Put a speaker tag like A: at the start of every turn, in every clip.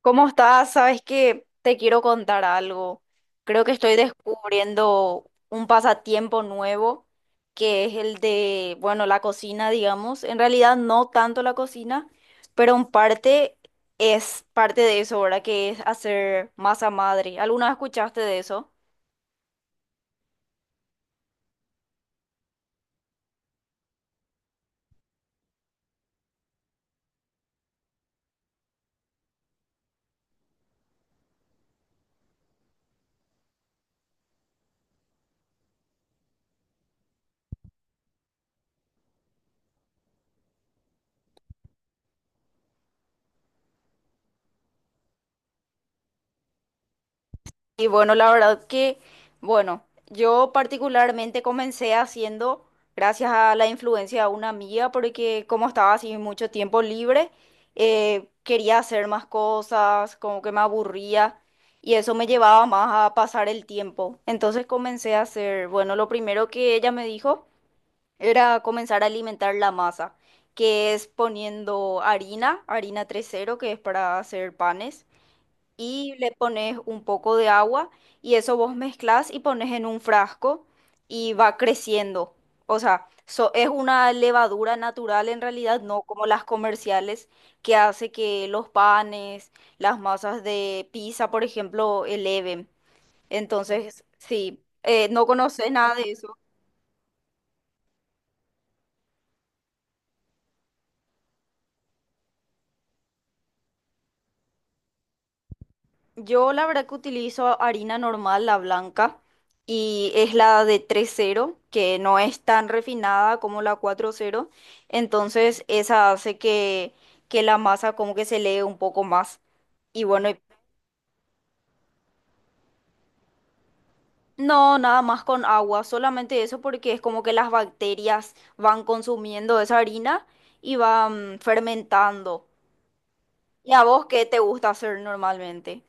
A: ¿Cómo estás? Sabes que te quiero contar algo. Creo que estoy descubriendo un pasatiempo nuevo, que es el de, bueno, la cocina, digamos. En realidad no tanto la cocina, pero en parte es parte de eso, ¿verdad? Que es hacer masa madre. ¿Alguna vez escuchaste de eso? Y bueno, la verdad que, bueno, yo particularmente comencé haciendo gracias a la influencia de una amiga, porque como estaba así mucho tiempo libre, quería hacer más cosas, como que me aburría y eso me llevaba más a pasar el tiempo. Entonces comencé a hacer, bueno, lo primero que ella me dijo era comenzar a alimentar la masa, que es poniendo harina, harina 000, que es para hacer panes y le pones un poco de agua y eso vos mezclas y pones en un frasco y va creciendo. O sea, es una levadura natural en realidad, no como las comerciales que hace que los panes, las masas de pizza, por ejemplo, eleven. Entonces, sí, no conoces nada de eso. Yo la verdad que utilizo harina normal, la blanca, y es la de 000 que no es tan refinada como la 0000, entonces esa hace que la masa como que se lee un poco más. Y bueno, no, nada más con agua, solamente eso porque es como que las bacterias van consumiendo esa harina y van fermentando. ¿Y a vos qué te gusta hacer normalmente?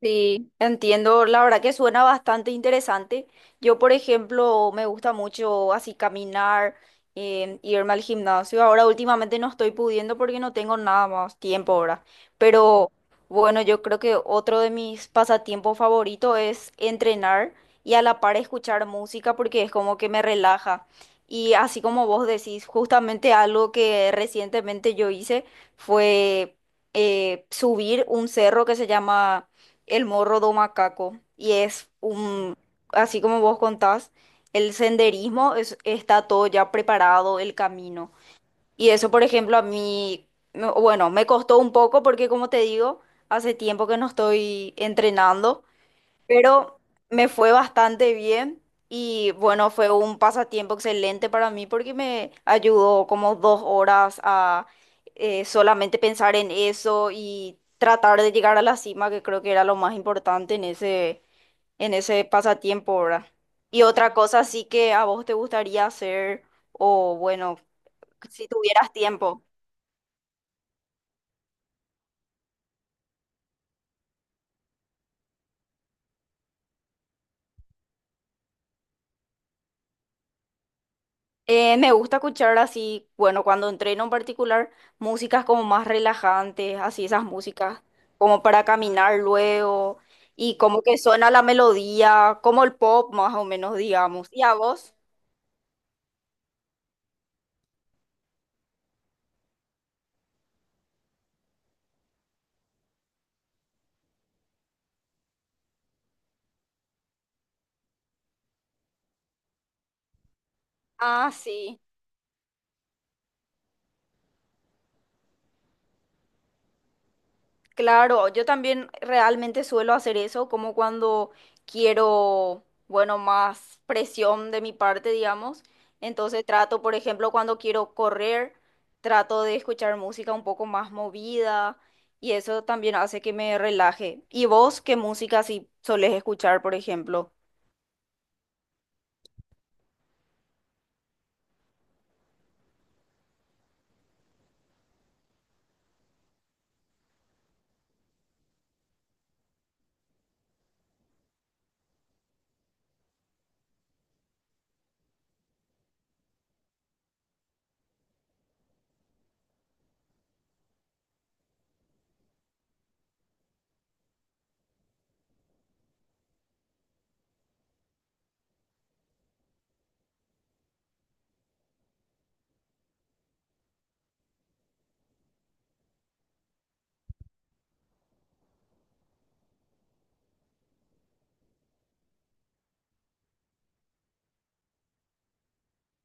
A: Sí, entiendo. La verdad que suena bastante interesante. Yo, por ejemplo, me gusta mucho así caminar, irme al gimnasio. Ahora últimamente no estoy pudiendo porque no tengo nada más tiempo ahora. Pero bueno, yo creo que otro de mis pasatiempos favoritos es entrenar y a la par escuchar música porque es como que me relaja. Y así como vos decís, justamente algo que recientemente yo hice fue subir un cerro que se llama el Morro do Macaco y es un, así como vos contás, el senderismo está todo ya preparado, el camino. Y eso, por ejemplo, a mí, bueno, me costó un poco porque, como te digo, hace tiempo que no estoy entrenando pero me fue bastante bien y bueno, fue un pasatiempo excelente para mí porque me ayudó como 2 horas a solamente pensar en eso y tratar de llegar a la cima, que creo que era lo más importante en ese pasatiempo, ¿verdad? Y otra cosa sí que a vos te gustaría hacer, o bueno, si tuvieras tiempo. Me gusta escuchar así, bueno, cuando entreno en particular, músicas como más relajantes, así esas músicas como para caminar luego y como que suena la melodía, como el pop más o menos, digamos. ¿Y a vos? Ah, sí. Claro, yo también realmente suelo hacer eso, como cuando quiero, bueno, más presión de mi parte, digamos. Entonces trato, por ejemplo, cuando quiero correr, trato de escuchar música un poco más movida y eso también hace que me relaje. ¿Y vos qué música si solés escuchar, por ejemplo?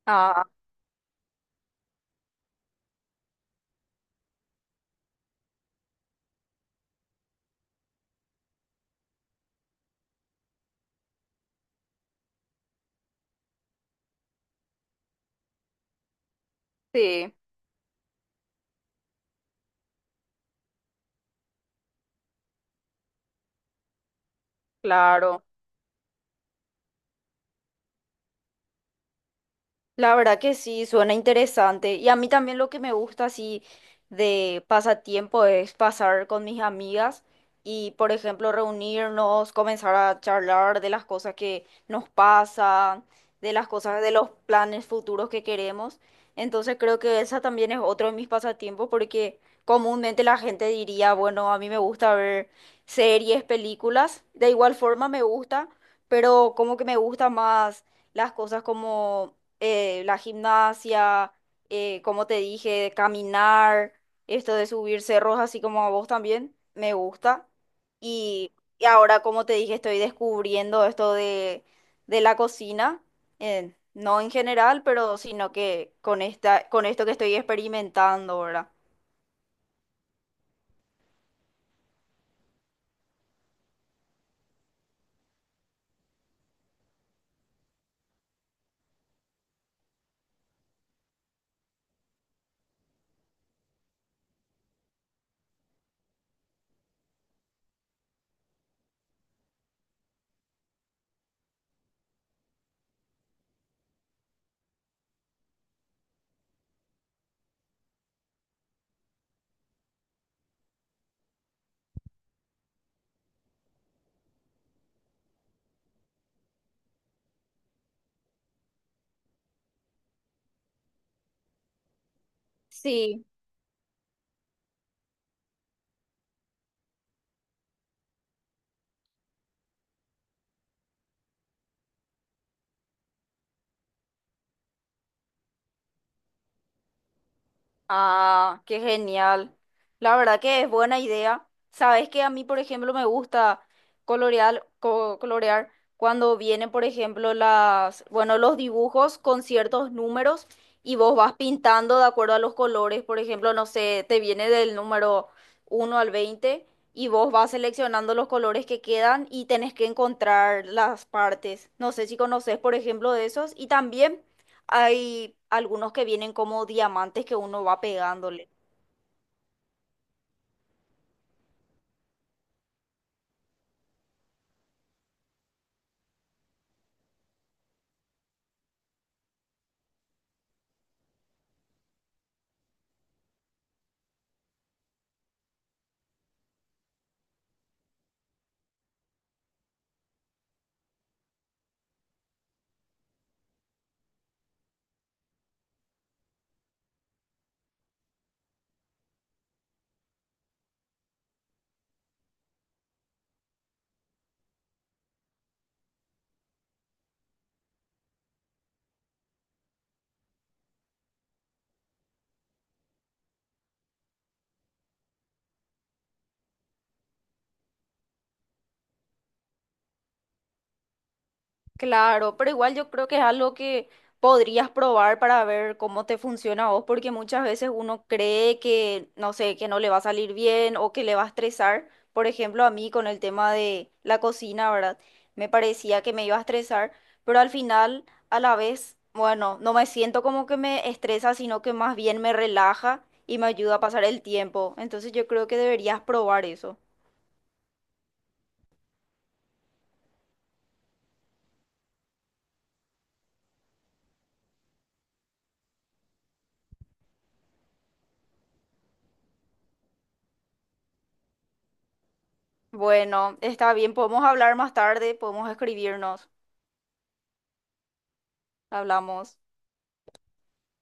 A: Ah, sí, claro. La verdad que sí, suena interesante. Y a mí también lo que me gusta así de pasatiempo es pasar con mis amigas y, por ejemplo, reunirnos, comenzar a charlar de las cosas que nos pasan, de las cosas, de los planes futuros que queremos. Entonces creo que esa también es otro de mis pasatiempos porque comúnmente la gente diría, bueno, a mí me gusta ver series, películas. De igual forma me gusta, pero como que me gusta más las cosas como la gimnasia, como te dije, de caminar, esto de subir cerros, así como a vos también, me gusta. Y, y ahora, como te dije, estoy descubriendo esto de la cocina, no en general, pero sino que con esta, con esto que estoy experimentando, ¿verdad? Sí. Ah, qué genial. La verdad que es buena idea. Sabes que a mí, por ejemplo, me gusta colorear, colorear cuando vienen, por ejemplo, las, bueno, los dibujos con ciertos números y vos vas pintando de acuerdo a los colores. Por ejemplo, no sé, te viene del número 1 al 20 y vos vas seleccionando los colores que quedan y tenés que encontrar las partes. No sé si conoces, por ejemplo, de esos. Y también hay algunos que vienen como diamantes que uno va pegándole. Claro, pero igual yo creo que es algo que podrías probar para ver cómo te funciona a vos, porque muchas veces uno cree que, no sé, que no le va a salir bien o que le va a estresar. Por ejemplo, a mí con el tema de la cocina, ¿verdad? Me parecía que me iba a estresar, pero al final, a la vez, bueno, no me siento como que me estresa, sino que más bien me relaja y me ayuda a pasar el tiempo. Entonces yo creo que deberías probar eso. Bueno, está bien, podemos hablar más tarde, podemos escribirnos, hablamos.